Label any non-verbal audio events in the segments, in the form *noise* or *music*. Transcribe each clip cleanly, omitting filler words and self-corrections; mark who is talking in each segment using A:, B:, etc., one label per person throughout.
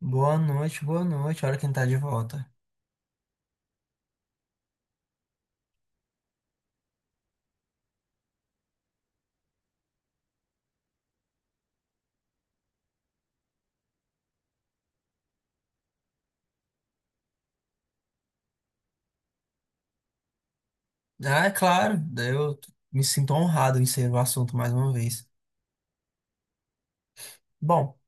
A: Boa noite, boa noite. Olha quem tá de volta. Ah, é claro, daí eu me sinto honrado em ser o assunto mais uma vez. Bom,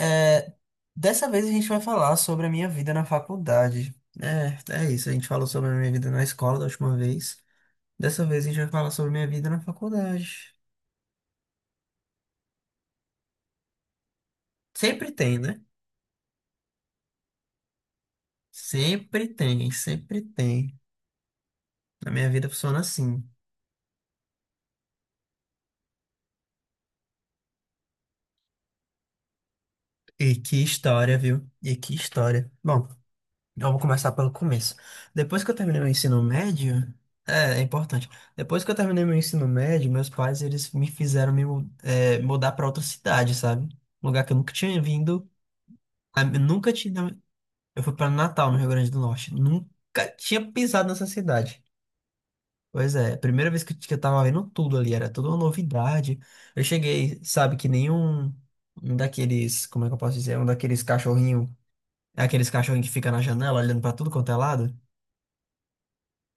A: é, dessa vez a gente vai falar sobre a minha vida na faculdade. É isso, a gente falou sobre a minha vida na escola da última vez. Dessa vez a gente vai falar sobre a minha vida na faculdade. Sempre tem, né? Sempre tem, sempre tem. A minha vida funciona assim. E que história, viu? E que história. Bom. Então, eu vou começar pelo começo. Depois que eu terminei meu ensino médio, é importante. Depois que eu terminei meu ensino médio, meus pais eles me fizeram mudar para outra cidade, sabe? Um lugar que eu nunca tinha vindo. Ah, eu nunca tinha. Eu fui para Natal, no Rio Grande do Norte. Nunca tinha pisado nessa cidade. Pois é, a primeira vez que eu tava vendo tudo ali, era toda uma novidade. Eu cheguei, sabe, que nenhum um daqueles, como é que eu posso dizer, um daqueles cachorrinho, aqueles cachorrinhos que fica na janela olhando para tudo quanto é lado.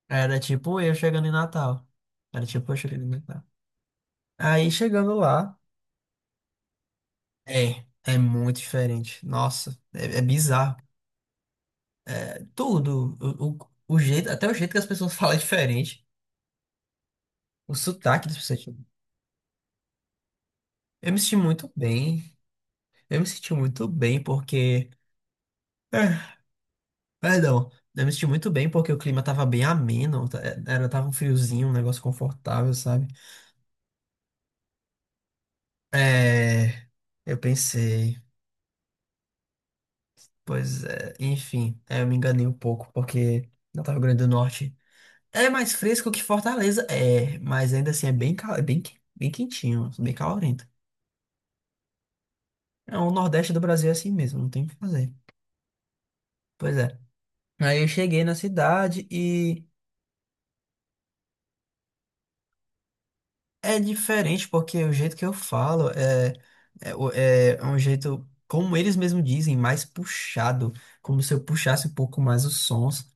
A: Era tipo eu chegando em Natal. Era tipo eu chegando em Natal. Aí chegando lá, é muito diferente. Nossa, é bizarro. É Tudo, o, o jeito, até o jeito que as pessoas *laughs* falam é diferente. O sotaque das pessoas. Eu me senti muito bem. Eu me senti muito bem porque. É, perdão. Eu me senti muito bem porque o clima tava bem ameno. Tava um friozinho, um negócio confortável, sabe? É. Eu pensei. Pois é, enfim, eu me enganei um pouco, porque Natal Rio Grande do Norte é mais fresco que Fortaleza, mas ainda assim é bem, bem quentinho, bem calorento. É, o Nordeste do Brasil é assim mesmo, não tem o que fazer. Pois é. Aí eu cheguei na cidade e é diferente, porque o jeito que eu falo é um jeito, como eles mesmos dizem, mais puxado, como se eu puxasse um pouco mais os sons.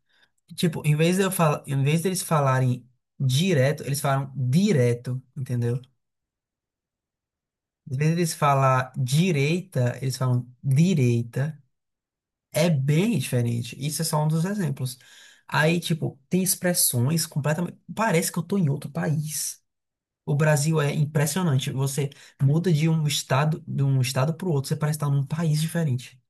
A: Tipo, em vez de eu falar, em vez deles falarem direto, eles falam direto, entendeu? Em vez deles falar direita, eles falam direita. É bem diferente. Isso é só um dos exemplos. Aí, tipo, tem expressões completamente. Parece que eu tô em outro país. O Brasil é impressionante. Você muda de um estado, pro outro, você parece estar num país diferente.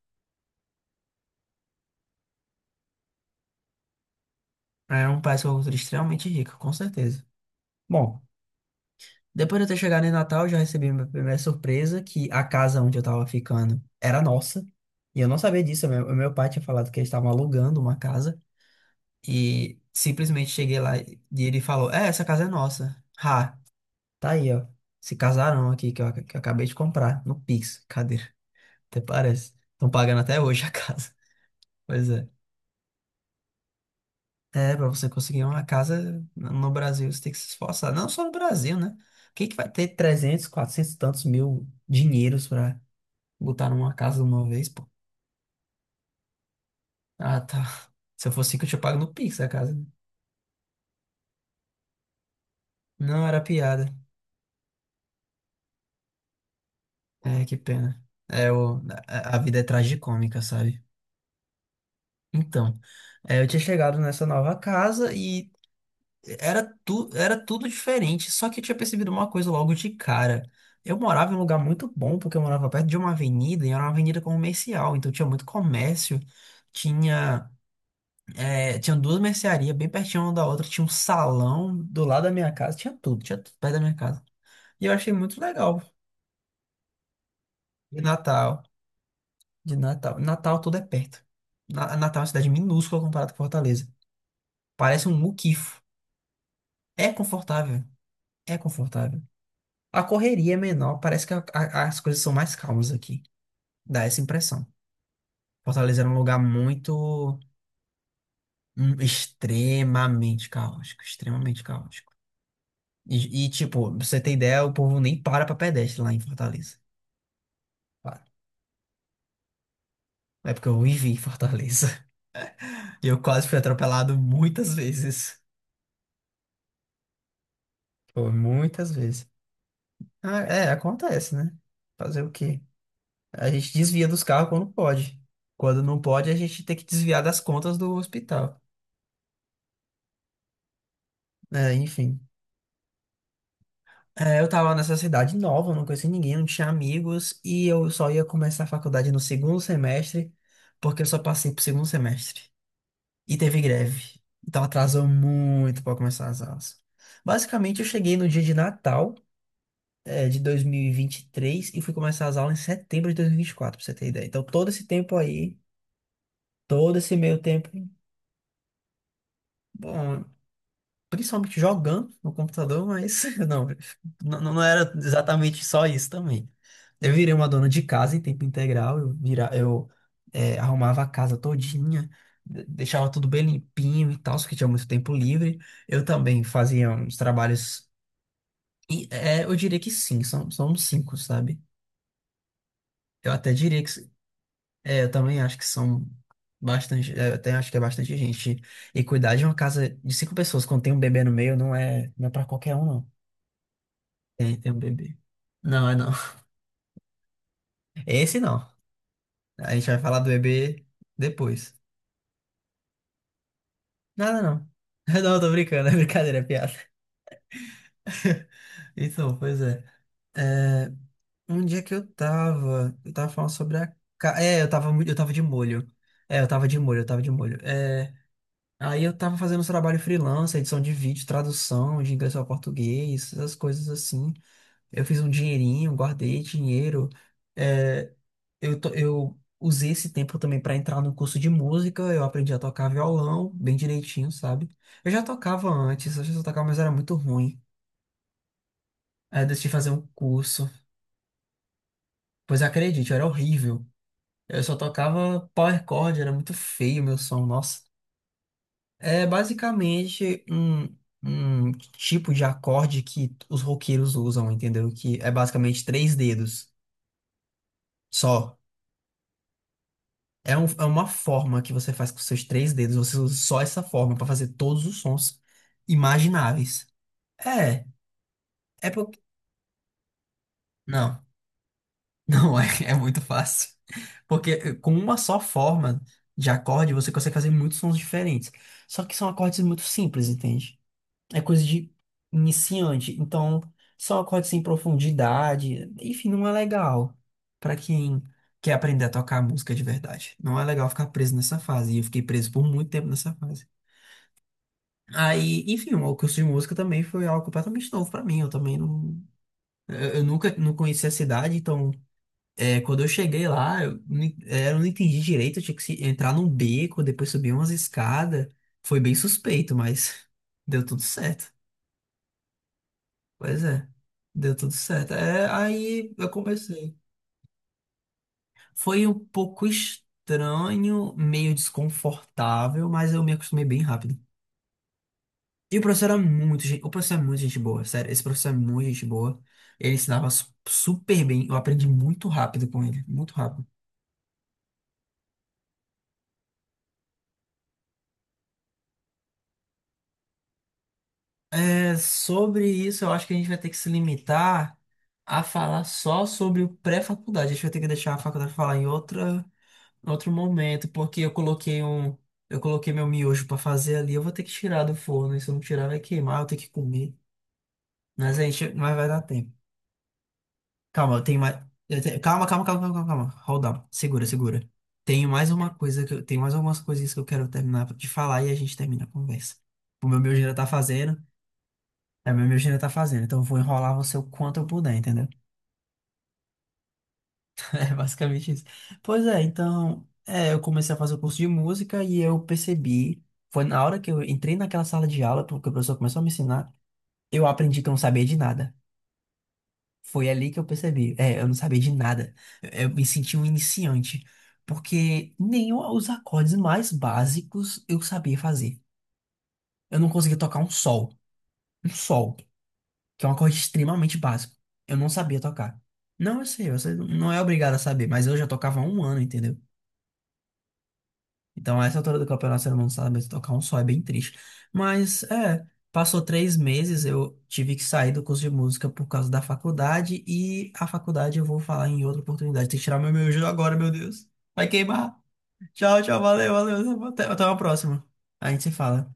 A: É um país que é uma cultura extremamente rica, com certeza. Bom. Depois de eu ter chegado em Natal, eu já recebi minha primeira surpresa, que a casa onde eu tava ficando era nossa. E eu não sabia disso. Meu pai tinha falado que eles estavam alugando uma casa. E simplesmente cheguei lá e ele falou: é, essa casa é nossa. Ha, tá aí, ó. Esse casarão aqui que eu acabei de comprar no Pix. Cadê? Até parece. Estão pagando até hoje a casa. *laughs* Pois é. É, pra você conseguir uma casa no Brasil, você tem que se esforçar. Não só no Brasil, né? Quem que vai ter 300, 400 e tantos mil dinheiros pra botaram uma casa de uma vez, pô. Ah, tá. Se eu fosse rico, eu tinha pago no Pix a casa, né? Não, era piada. É, que pena. É, o, a vida é tragicômica, sabe? Então, é, eu tinha chegado nessa nova casa e era tudo diferente. Só que eu tinha percebido uma coisa logo de cara. Eu morava em um lugar muito bom, porque eu morava perto de uma avenida, e era uma avenida comercial, então tinha muito comércio, tinha. É, tinha duas mercearias bem pertinho uma da outra, tinha um salão do lado da minha casa, tinha tudo perto da minha casa. E eu achei muito legal. De Natal, de Natal. Natal tudo é perto. Natal é uma cidade minúscula comparado com Fortaleza. Parece um muquifo. É confortável, é confortável. A correria é menor, parece que as coisas são mais calmas aqui. Dá essa impressão. Fortaleza era um lugar muito, extremamente caótico, extremamente caótico. E, tipo, pra você ter ideia, o povo nem para pra pedestre lá em Fortaleza. Para. É porque eu vivi em Fortaleza. *laughs* E eu quase fui atropelado muitas vezes. Pô, muitas vezes. Ah, é, acontece, né? Fazer o quê? A gente desvia dos carros quando pode. Quando não pode, a gente tem que desviar das contas do hospital. É, enfim. É, eu tava nessa cidade nova, não conhecia ninguém, não tinha amigos, e eu só ia começar a faculdade no segundo semestre, porque eu só passei pro segundo semestre. E teve greve. Então atrasou muito para começar as aulas. Basicamente, eu cheguei no dia de Natal, de dois mil e vinte e três e fui começar as aulas em setembro de dois mil e vinte e quatro pra você ter ideia. Então, todo esse tempo aí, todo esse meio tempo, bom, principalmente jogando no computador, mas *laughs* não, não, não era exatamente só isso também. Eu virei uma dona de casa em tempo integral, eu, vira, eu eh, arrumava a casa todinha, deixava tudo bem limpinho e tal, porque tinha muito tempo livre. Eu também fazia uns trabalhos, eu diria que sim, são uns cinco, sabe? Eu até diria que, eu também acho que são bastante, eu até acho que é bastante gente. E cuidar de uma casa de cinco pessoas quando tem um bebê no meio não é para qualquer um, não. Tem um bebê. Não, é não. Esse não. A gente vai falar do bebê depois. Nada, não. *laughs* Não, tô brincando, é brincadeira, é piada. Então, pois é. É, um dia que eu tava. Eu tava falando sobre a. É, eu tava muito. Eu tava de molho. É, eu tava de molho, eu tava de molho. Aí eu tava fazendo uns trabalho freelance, edição de vídeo, tradução de inglês para português, essas coisas assim. Eu fiz um dinheirinho, guardei dinheiro. É, eu usei esse tempo também para entrar no curso de música. Eu aprendi a tocar violão bem direitinho, sabe? Eu já tocava antes, eu já tocava, mas era muito ruim. Aí eu decidi fazer um curso. Pois acredite, eu era horrível. Eu só tocava power chord, era muito feio o meu som, nossa. É basicamente um tipo de acorde que os roqueiros usam, entendeu? Que é basicamente três dedos. Só. É uma forma que você faz com seus três dedos. Você usa só essa forma pra fazer todos os sons imagináveis. É, é porque. Não, *laughs* não é, é muito fácil. Porque com uma só forma de acorde, você consegue fazer muitos sons diferentes. Só que são acordes muito simples, entende? É coisa de iniciante. Então, são acordes sem profundidade. Enfim, não é legal pra quem quer aprender a tocar música de verdade. Não é legal ficar preso nessa fase. E eu fiquei preso por muito tempo nessa fase. Aí, enfim, o curso de música também foi algo completamente novo pra mim. Eu também não. Eu nunca não conhecia a cidade, então, quando eu cheguei lá, eu, nem- é, eu não entendi direito. Eu tinha que entrar num beco, depois subir umas escadas. Foi bem suspeito, mas *laughs* deu tudo certo. Pois é, deu tudo certo. Aí eu comecei. Foi um pouco estranho, meio desconfortável, mas eu me acostumei bem rápido. E o professor era muito gente, o professor é muito gente boa, sério, esse professor é muito gente boa. Ele ensinava super bem, eu aprendi muito rápido com ele, muito rápido. Sobre isso, eu acho que a gente vai ter que se limitar a falar só sobre o pré-faculdade. A gente vai ter que deixar a faculdade falar em outra, em outro momento, porque eu coloquei um, eu coloquei meu miojo pra fazer ali, eu vou ter que tirar do forno, e se eu não tirar vai queimar, eu tenho que comer. Mas a gente, mas vai dar tempo. Calma, eu tenho mais. Calma, calma, calma, calma, calma, calma. Hold on. Segura, segura. Tenho mais uma coisa que eu... Tenho mais algumas coisinhas que eu quero terminar de falar e a gente termina a conversa. O meu já tá fazendo. O meu já tá fazendo. Então eu vou enrolar você o quanto eu puder, entendeu? *laughs* É basicamente isso. Pois é, então. Eu comecei a fazer o curso de música e eu percebi. Foi na hora que eu entrei naquela sala de aula, porque o professor começou a me ensinar, eu aprendi que eu não sabia de nada. Foi ali que eu percebi. É, eu não sabia de nada. Eu me senti um iniciante. Porque nem os acordes mais básicos eu sabia fazer. Eu não conseguia tocar um sol. Um sol, que é um acorde extremamente básico. Eu não sabia tocar. Não, eu sei, você não é obrigado a saber, mas eu já tocava há um ano, entendeu? Então, a essa altura do campeonato, o ser humano não sabe mesmo tocar um só, é bem triste. Mas, passou 3 meses, eu tive que sair do curso de música por causa da faculdade, e a faculdade eu vou falar em outra oportunidade. Tem que tirar meu miojo agora, meu Deus. Vai queimar. Tchau, tchau, valeu, valeu. Até uma próxima. A gente se fala.